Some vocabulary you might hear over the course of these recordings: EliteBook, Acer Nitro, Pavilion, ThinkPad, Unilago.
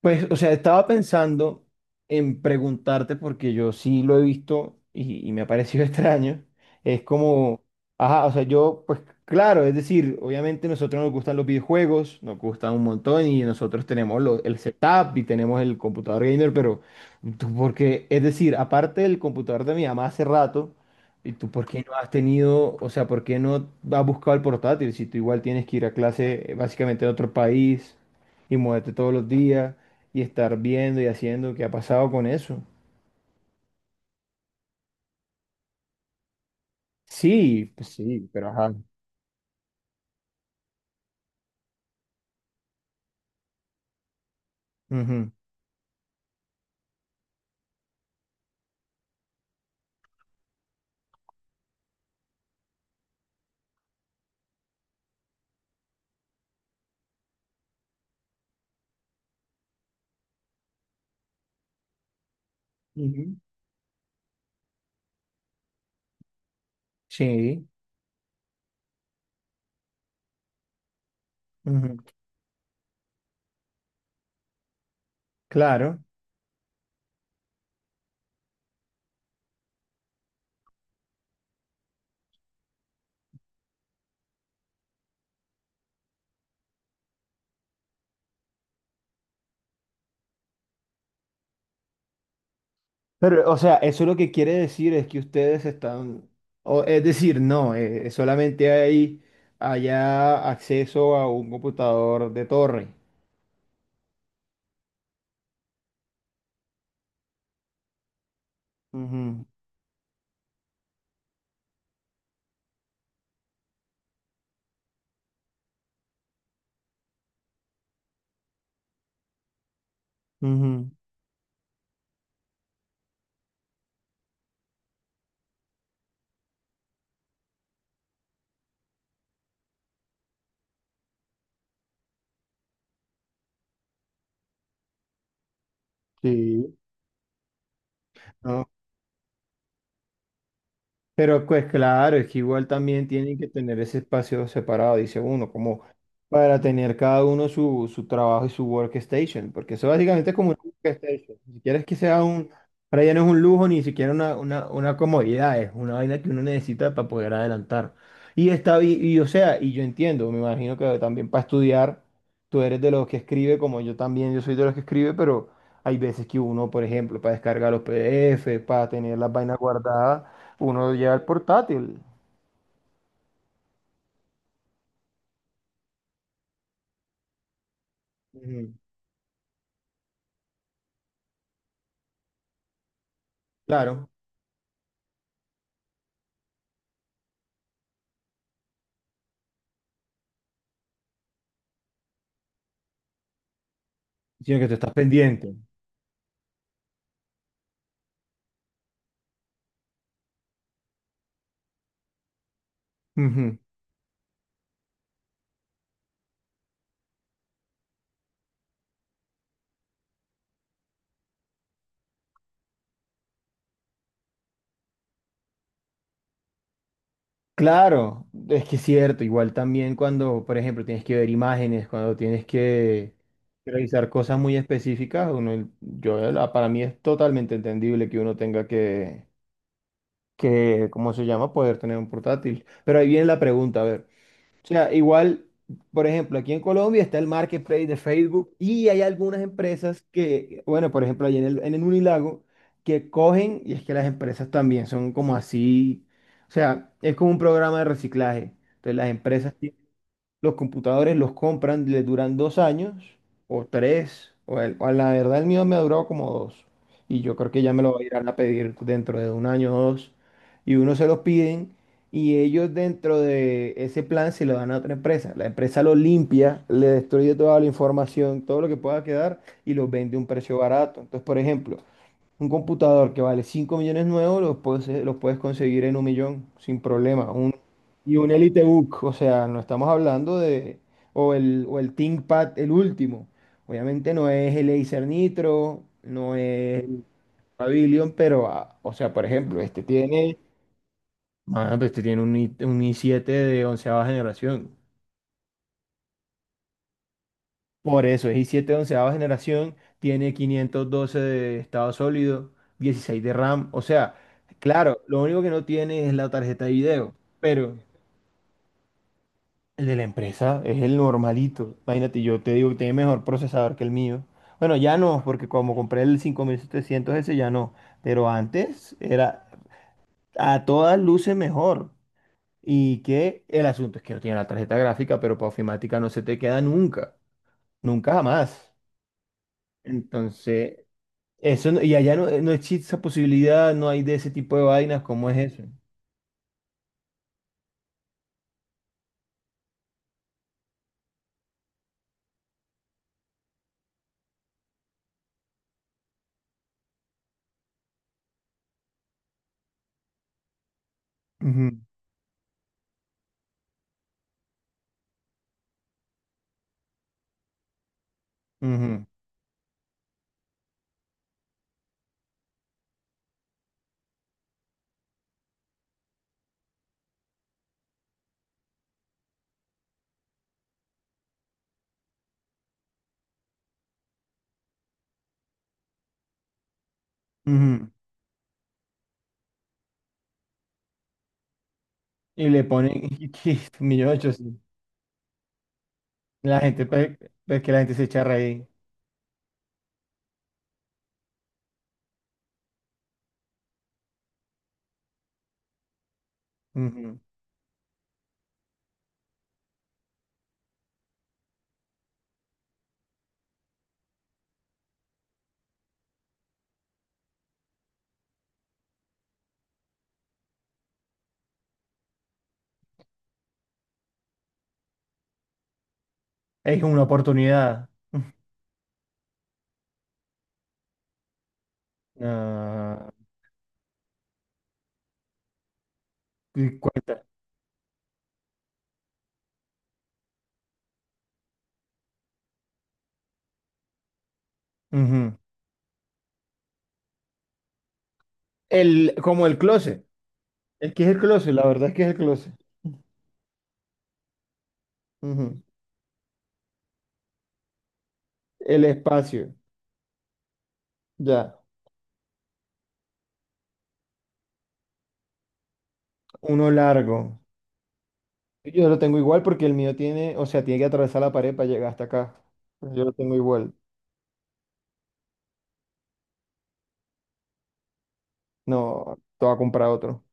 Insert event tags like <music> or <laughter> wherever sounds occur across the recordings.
Pues, o sea, estaba pensando en preguntarte, porque yo sí lo he visto y me ha parecido <laughs> extraño. Es como, ajá, o sea, yo, pues claro, es decir, obviamente nosotros nos gustan los videojuegos, nos gustan un montón y nosotros tenemos el setup y tenemos el computador gamer, pero tú, porque, es decir, aparte del computador de mi mamá hace rato, ¿y tú por qué no has tenido, o sea, por qué no has buscado el portátil si tú igual tienes que ir a clase básicamente en otro país y muévete todos los días? Y estar viendo y haciendo qué ha pasado con eso. Sí, pues sí, pero ajá. Ujú, ujú. Sí, ujú, claro. Pero, o sea, eso lo que quiere decir es que ustedes están, o, es decir, no, solamente hay allá acceso a un computador de torre. Ujú, ujú. Sí. ¿No? Pero pues claro, es que igual también tienen que tener ese espacio separado, dice uno, como para tener cada uno su trabajo y su workstation, porque eso básicamente es como una workstation. Ni siquiera es que sea un, para ella no es un lujo, ni siquiera una, una comodidad, es una vaina que uno necesita para poder adelantar. Y está, y, o sea, y yo entiendo, me imagino que también para estudiar, tú eres de los que escribe, como yo también, yo soy de los que escribe, pero hay veces que uno, por ejemplo, para descargar los PDF, para tener las vainas guardadas uno lleva el portátil. Ujú, claro, sino que tú estás pendiente. Ujú, claro, es que es cierto, igual también cuando, por ejemplo, tienes que ver imágenes, cuando tienes que revisar cosas muy específicas, uno, yo, para mí es totalmente entendible que uno tenga que, ¿cómo se llama? Poder tener un portátil. Pero ahí viene la pregunta, a ver. O sea, igual, por ejemplo, aquí en Colombia está el marketplace de Facebook y hay algunas empresas que, bueno, por ejemplo, allí en el Unilago, que cogen, y es que las empresas también son como así, o sea, es como un programa de reciclaje. Entonces, las empresas los computadores los compran, les duran 2 años o tres, o, o la verdad el mío me ha durado como dos. Y yo creo que ya me lo irán a pedir dentro de un año o dos. Y uno se los piden y ellos dentro de ese plan se lo dan a otra empresa. La empresa lo limpia, le destruye toda la información, todo lo que pueda quedar y los vende a un precio barato. Entonces, por ejemplo, un computador que vale 5 millones nuevos los puedes, conseguir en un millón sin problema. Y un EliteBook, o sea, no estamos hablando de... O el ThinkPad, el último. Obviamente no es el Acer Nitro, no es el Pavilion, pero, ah, o sea, por ejemplo, este tiene... Ah, pues este tiene un i7 de onceava generación. Por eso, es i7 onceava generación, tiene 512 de estado sólido, 16 de RAM. O sea, claro, lo único que no tiene es la tarjeta de video, pero el de la empresa es el normalito. Imagínate, yo te digo que tiene mejor procesador que el mío. Bueno, ya no, porque como compré el 5700 ese, ya no. Pero antes era a todas luces mejor. Y que el asunto es que no tiene la tarjeta gráfica, pero para ofimática no se te queda nunca, nunca jamás. Entonces, Eso no- y allá no, no existe esa posibilidad, no hay de ese tipo de vainas, ¿cómo es eso? Ujú, ujú, ujú. Y le ponen <laughs> 1.800.000. La gente, pues que la gente se charra ahí. Ujú. Es una oportunidad. <laughs> Ah, y cuenta. Ujú. Como el closet. El que es el closet, la verdad es que es el closet. Ujú. El espacio. Ya. Uno largo. Yo lo tengo igual porque el mío tiene, o sea, tiene que atravesar la pared para llegar hasta acá. Yo lo tengo igual. No, te voy a comprar otro.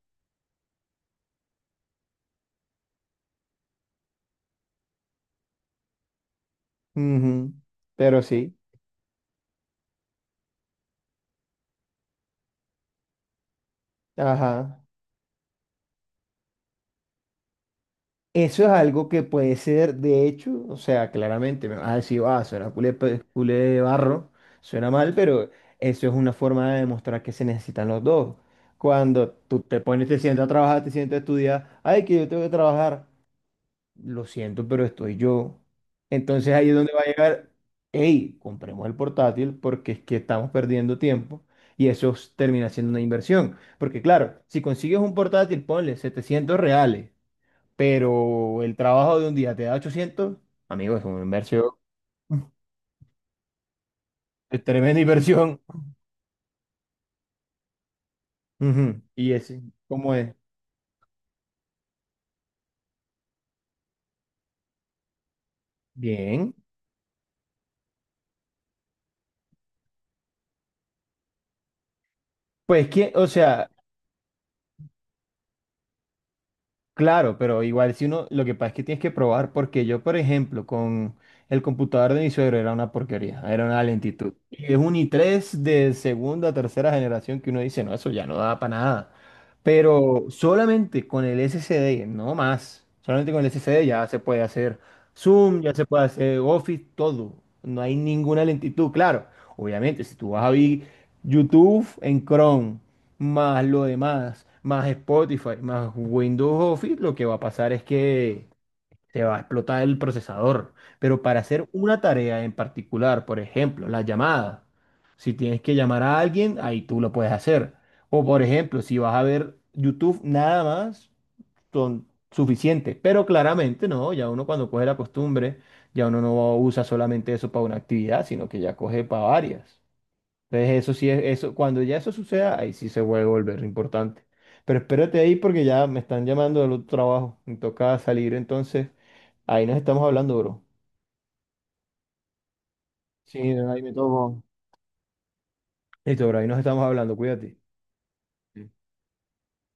Ujú, pero sí, ajá. Eso es algo que puede ser, de hecho, o sea, claramente me vas a decir, ah, suena culé, culé de barro, suena mal, pero eso es una forma de demostrar que se necesitan los dos. Cuando tú te pones, te sientas a trabajar, te sientas a estudiar, ay, que yo tengo que trabajar. Lo siento, pero estoy yo. Entonces ahí es donde va a llegar, hey, compremos el portátil porque es que estamos perdiendo tiempo y eso termina siendo una inversión. Porque claro, si consigues un portátil, ponle 700 reales, pero el trabajo de un día te da 800 amigo, es una inversión, <laughs> es tremenda inversión. <laughs> Ujú. Y ese, ¿cómo es? Bien. Pues que, o sea, claro, pero igual si uno, lo que pasa es que tienes que probar, porque yo, por ejemplo, con el computador de mi suegro era una porquería, era una lentitud. Y es un i3 de segunda, tercera generación que uno dice, no, eso ya no da para nada. Pero solamente con el SSD, no más, solamente con el SSD ya se puede hacer Zoom, ya se puede hacer Office, todo. No hay ninguna lentitud, claro. Obviamente, si tú vas a ver YouTube en Chrome, más lo demás, más Spotify, más Windows Office, lo que va a pasar es que se va a explotar el procesador. Pero para hacer una tarea en particular, por ejemplo, la llamada, si tienes que llamar a alguien, ahí tú lo puedes hacer. O por ejemplo, si vas a ver YouTube nada más, son suficientes. Pero claramente no, ya uno cuando coge la costumbre, ya uno no usa solamente eso para una actividad, sino que ya coge para varias. Entonces eso sí es, eso, cuando ya eso suceda, ahí sí se vuelve a volver importante. Pero espérate ahí porque ya me están llamando del otro trabajo. Me toca salir entonces. Ahí nos estamos hablando, bro. Sí, ahí me tomo. Listo, bro, ahí nos estamos hablando, cuídate.